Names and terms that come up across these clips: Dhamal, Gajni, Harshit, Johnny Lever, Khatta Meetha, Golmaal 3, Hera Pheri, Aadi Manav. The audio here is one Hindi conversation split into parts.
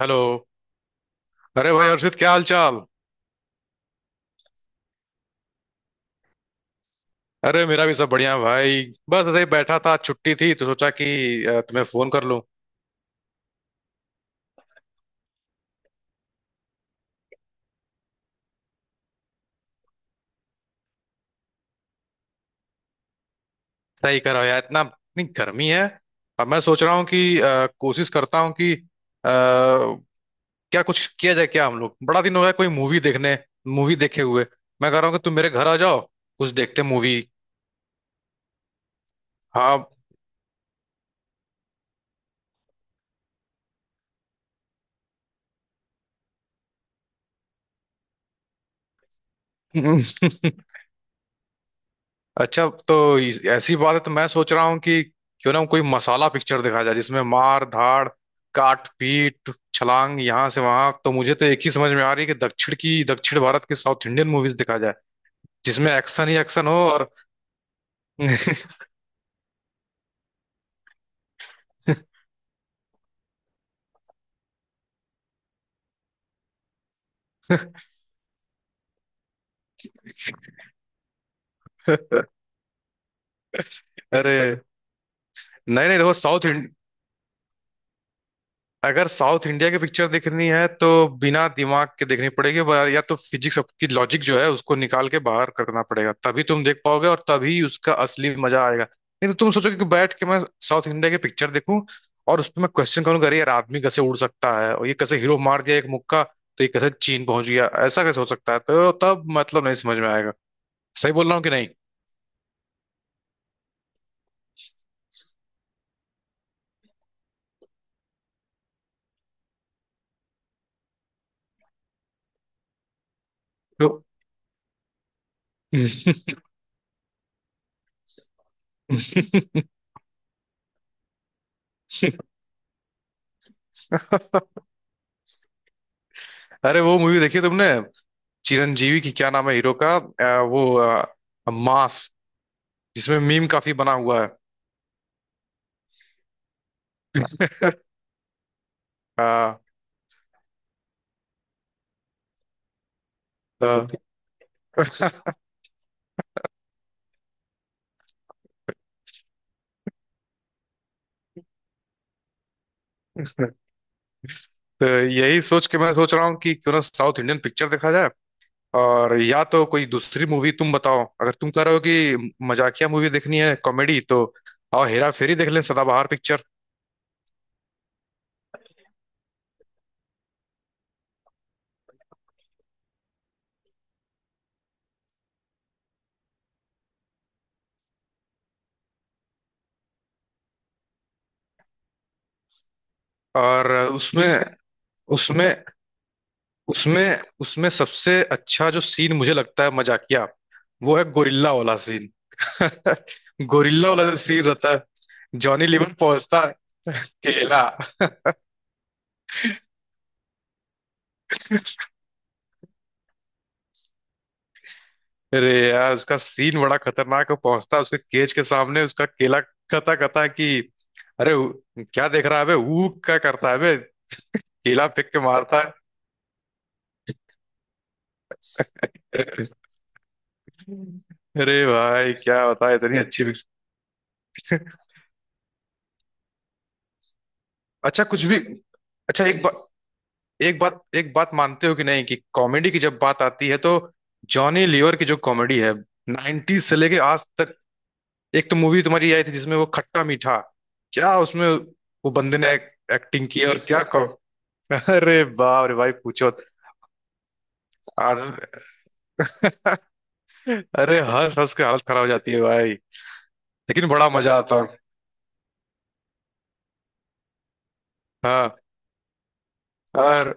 हेलो। अरे भाई हर्षित, क्या हाल चाल। अरे मेरा भी सब बढ़िया है भाई। बस ऐसे ही बैठा था, छुट्टी थी तो सोचा कि तुम्हें फोन कर लूं। सही करो यार, इतना इतनी गर्मी है। अब मैं सोच रहा हूँ कि कोशिश करता हूँ कि क्या कुछ किया जाए। क्या हम लोग, बड़ा दिन हो गया कोई मूवी देखने, मूवी देखे हुए। मैं कह रहा हूँ कि तुम मेरे घर आ जाओ, कुछ देखते मूवी। हाँ। अच्छा तो ऐसी बात है तो मैं सोच रहा हूँ कि क्यों ना कोई मसाला पिक्चर दिखाया जाए जिसमें मार धाड़, काट पीट, छलांग यहाँ से वहां। तो मुझे तो एक ही समझ में आ रही है कि दक्षिण भारत की साउथ इंडियन मूवीज दिखाया जाए जिसमें एक्शन ही एक्शन हो। और अरे नहीं नहीं, देखो साउथ। अगर साउथ इंडिया की पिक्चर देखनी है तो बिना दिमाग के देखनी पड़ेगी। या तो फिजिक्स की लॉजिक जो है उसको निकाल के बाहर करना पड़ेगा, तभी तुम देख पाओगे और तभी उसका असली मजा आएगा। नहीं तो तुम सोचोगे कि बैठ के मैं साउथ इंडिया की पिक्चर देखूं और उस पर मैं क्वेश्चन करूंगा, अरे यार आदमी कैसे उड़ सकता है? और ये कैसे हीरो मार दिया एक मुक्का तो ये कैसे चीन पहुंच गया? ऐसा कैसे हो सकता है? तो तब मतलब नहीं समझ में आएगा। सही बोल रहा हूँ कि नहीं? तो- अरे वो मूवी देखी तुमने चिरंजीवी की? क्या नाम है हीरो का? वो मास, जिसमें मीम काफी बना हुआ है। अ, बिल्कुल। तो, तो यही सोच के मैं सोच रहा हूँ कि क्यों ना साउथ इंडियन पिक्चर देखा जाए। और या तो कोई दूसरी मूवी तुम बताओ। अगर तुम कह रहे हो कि मजाकिया मूवी देखनी है, कॉमेडी, तो आओ हेरा फेरी देख लें, सदाबहार पिक्चर। और उसमें उसमें उसमें उसमें सबसे अच्छा जो सीन मुझे लगता है मजाकिया, वो है गोरिल्ला वाला सीन। गोरिल्ला वाला जो सीन रहता है, जॉनी लीवर पहुंचता है, केला। अरे यार उसका सीन बड़ा खतरनाक है, पहुंचता है, उसके केज के सामने उसका केला कता कता है कि अरे क्या देख रहा है बे, ऊ क्या करता है बे, केला फेंक के मारता है। अरे भाई क्या बताए, इतनी अच्छी पिक्चर। अच्छा कुछ भी। अच्छा एक बात, एक बात मानते हो कि नहीं कि कॉमेडी की जब बात आती है तो जॉनी लीवर की जो कॉमेडी है 90s से लेके आज तक। एक तो मूवी तुम्हारी आई थी जिसमें वो खट्टा मीठा, क्या उसमें वो बंदे ने एक्टिंग की और क्या कहो। अरे बाप रे भाई पूछो मत। आज- अरे हंस हंस के हालत खराब हो जाती है भाई, लेकिन बड़ा मजा आता है। हाँ। और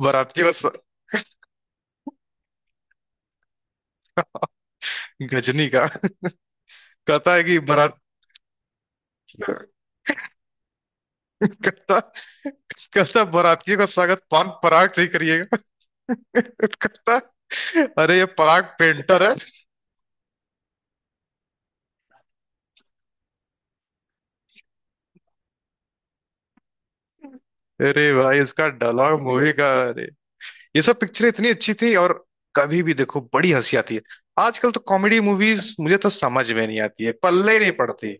बारातियों का गजनी का कहता है कि बारात, कहता कहता बारातियों का स्वागत पान पराग से ही। कहता, अरे ये पराग पेंटर है। अरे भाई इसका डायलॉग मूवी का, अरे ये सब पिक्चरें इतनी अच्छी थी और कभी भी देखो बड़ी हंसी आती है। आजकल तो कॉमेडी मूवीज मुझे तो समझ में नहीं आती है, पल्ले ही नहीं पड़ती।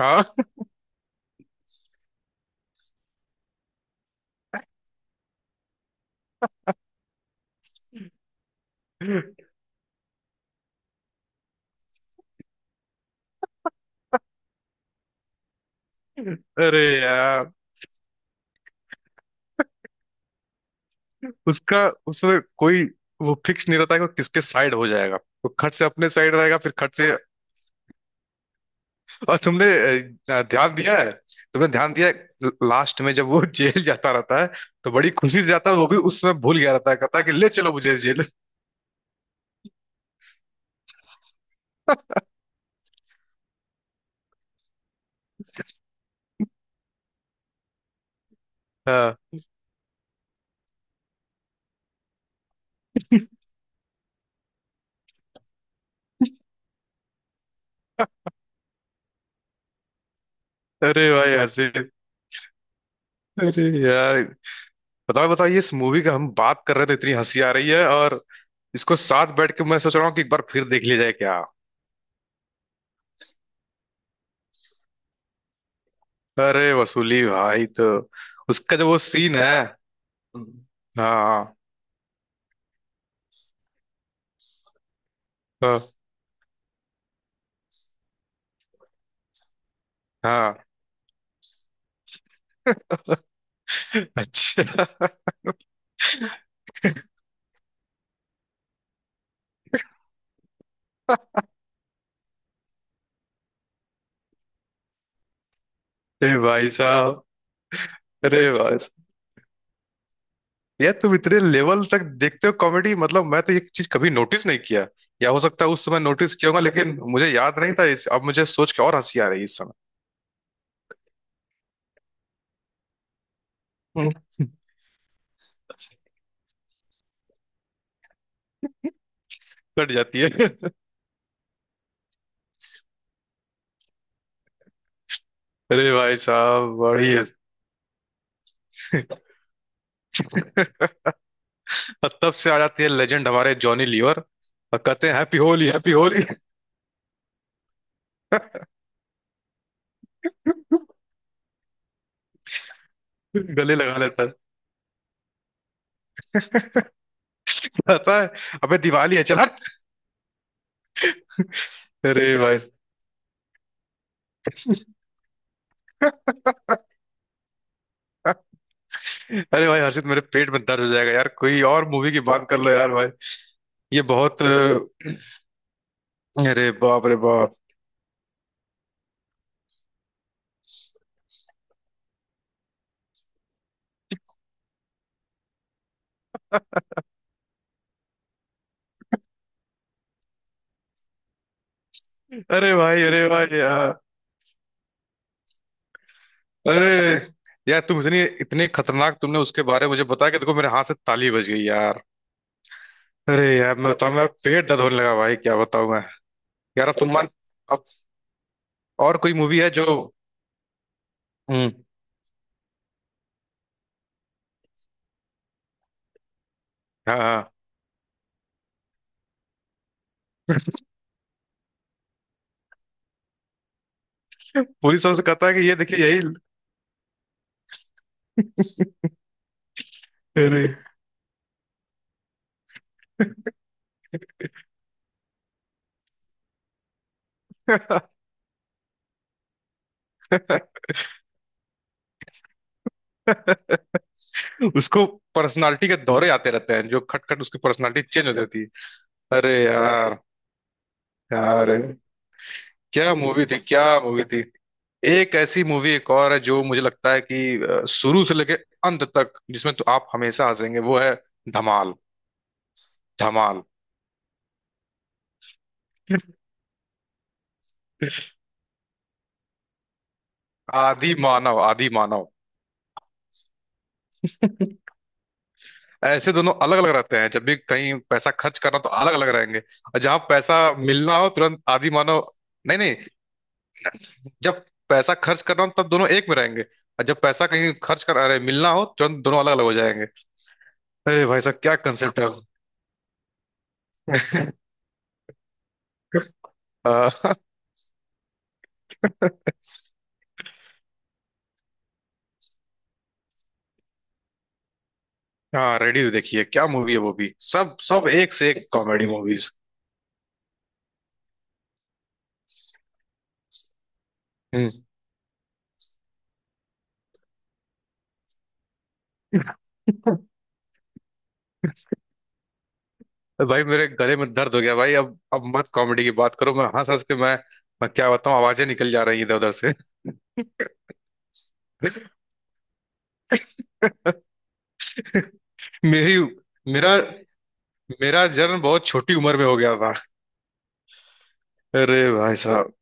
हाँ। अरे यार उसका, उसमें कोई वो फिक्स नहीं रहता है कि वो किसके साइड हो जाएगा। वो खट से अपने साइड रहेगा, फिर खट से। और अ, ध्यान दिया है तुमने ध्यान दिया है लास्ट में जब वो जेल जाता रहता है, तो बड़ी खुशी से जाता है। वो भी उस समय भूल गया रहता है, कहता है कि ले चलो मुझे जेल। हाँ। अरे भाई हर्षित, अरे यार, बताओ बताओ, ये इस मूवी का हम बात कर रहे थे, इतनी हंसी आ रही है। और इसको साथ बैठ के मैं सोच रहा हूँ कि एक बार फिर देख लिया जाए क्या? अरे वसूली भाई तो उसका जो वो सीन है। हाँ हाँ हाँ। अच्छा। अरे भाई साहब, अरे भाई यार, तुम इतने लेवल तक देखते हो कॉमेडी मतलब, मैं तो ये चीज कभी नोटिस नहीं किया। या हो सकता है उस समय नोटिस किया होगा लेकिन मुझे याद नहीं था अब मुझे सोच के और हंसी आ रही है इस समय। हम्म। कट जाती है। अरे भाई साहब, बड़ी है। और तब से आ जाती है लेजेंड हमारे जॉनी लीवर। और कहते हैं हैप्पी होली हैप्पी होली। गले लगा लेता है, पता है, अबे दिवाली है चल हट। अरे भाई। अरे भाई हर्षित, मेरे पेट में दर्द हो जाएगा यार, कोई और मूवी की बात कर लो यार भाई। ये बहुत अरे बाप रे बाप। अरे भाई, अरे भाई यार, अरे यार तुम इतनी इतने खतरनाक, तुमने उसके बारे में मुझे बताया कि देखो मेरे हाथ से ताली बज गई यार। अरे यार मैं बताऊं, मेरा पेट दर्द होने लगा भाई, क्या बताऊं मैं। यार अब तुम मान अब और कोई मूवी है जो हम्म। हाँ हाँ। पुलिस वाले से कहता है कि ये देखिए यही, अरे उसको पर्सनालिटी के दौरे आते रहते हैं जो खट खट उसकी पर्सनालिटी चेंज हो जाती है। अरे यार, यार क्या मूवी थी, क्या मूवी थी। एक ऐसी मूवी एक और है जो मुझे लगता है कि शुरू से लेके अंत तक, जिसमें तो आप हमेशा हंसेंगे, वो है धमाल। धमाल। आदि मानव, आदि मानव, ऐसे दोनों अलग अलग रहते हैं। जब भी कहीं पैसा खर्च करना तो अलग अलग रहेंगे, और जहां पैसा मिलना हो तुरंत आदि मानव। नहीं नहीं, जब पैसा खर्च करना हो तब दोनों एक में रहेंगे, और जब पैसा कहीं खर्च कर, अरे, मिलना हो तुरंत दोनों अलग अलग हो जाएंगे। अरे भाई साहब क्या कंसेप्ट है। अ, हाँ, रेडी देखिए क्या मूवी है वो भी, सब सब एक से एक कॉमेडी मूवीज। भाई मेरे गले में दर्द हो गया भाई, अब मत कॉमेडी की बात करो, मैं हंस हंस के मैं क्या बताऊं, आवाजें निकल जा रही हैं इधर उधर से। मेरी मेरा मेरा जन्म बहुत छोटी उम्र में हो गया था। अरे भाई साहब।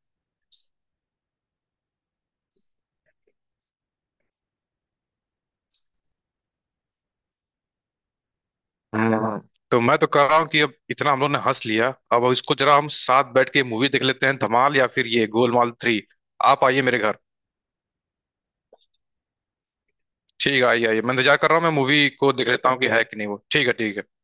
हम्म। तो मैं तो कह रहा हूँ कि अब इतना हम लोग ने हंस लिया, अब इसको जरा हम साथ बैठ के मूवी देख लेते हैं, धमाल या फिर ये गोलमाल थ्री। आप आइए मेरे घर। ठीक है, आइए आइए, मैं इंतजार कर रहा हूँ, मैं मूवी को देख लेता हूँ कि है कि नहीं वो। ठीक है। ठीक है।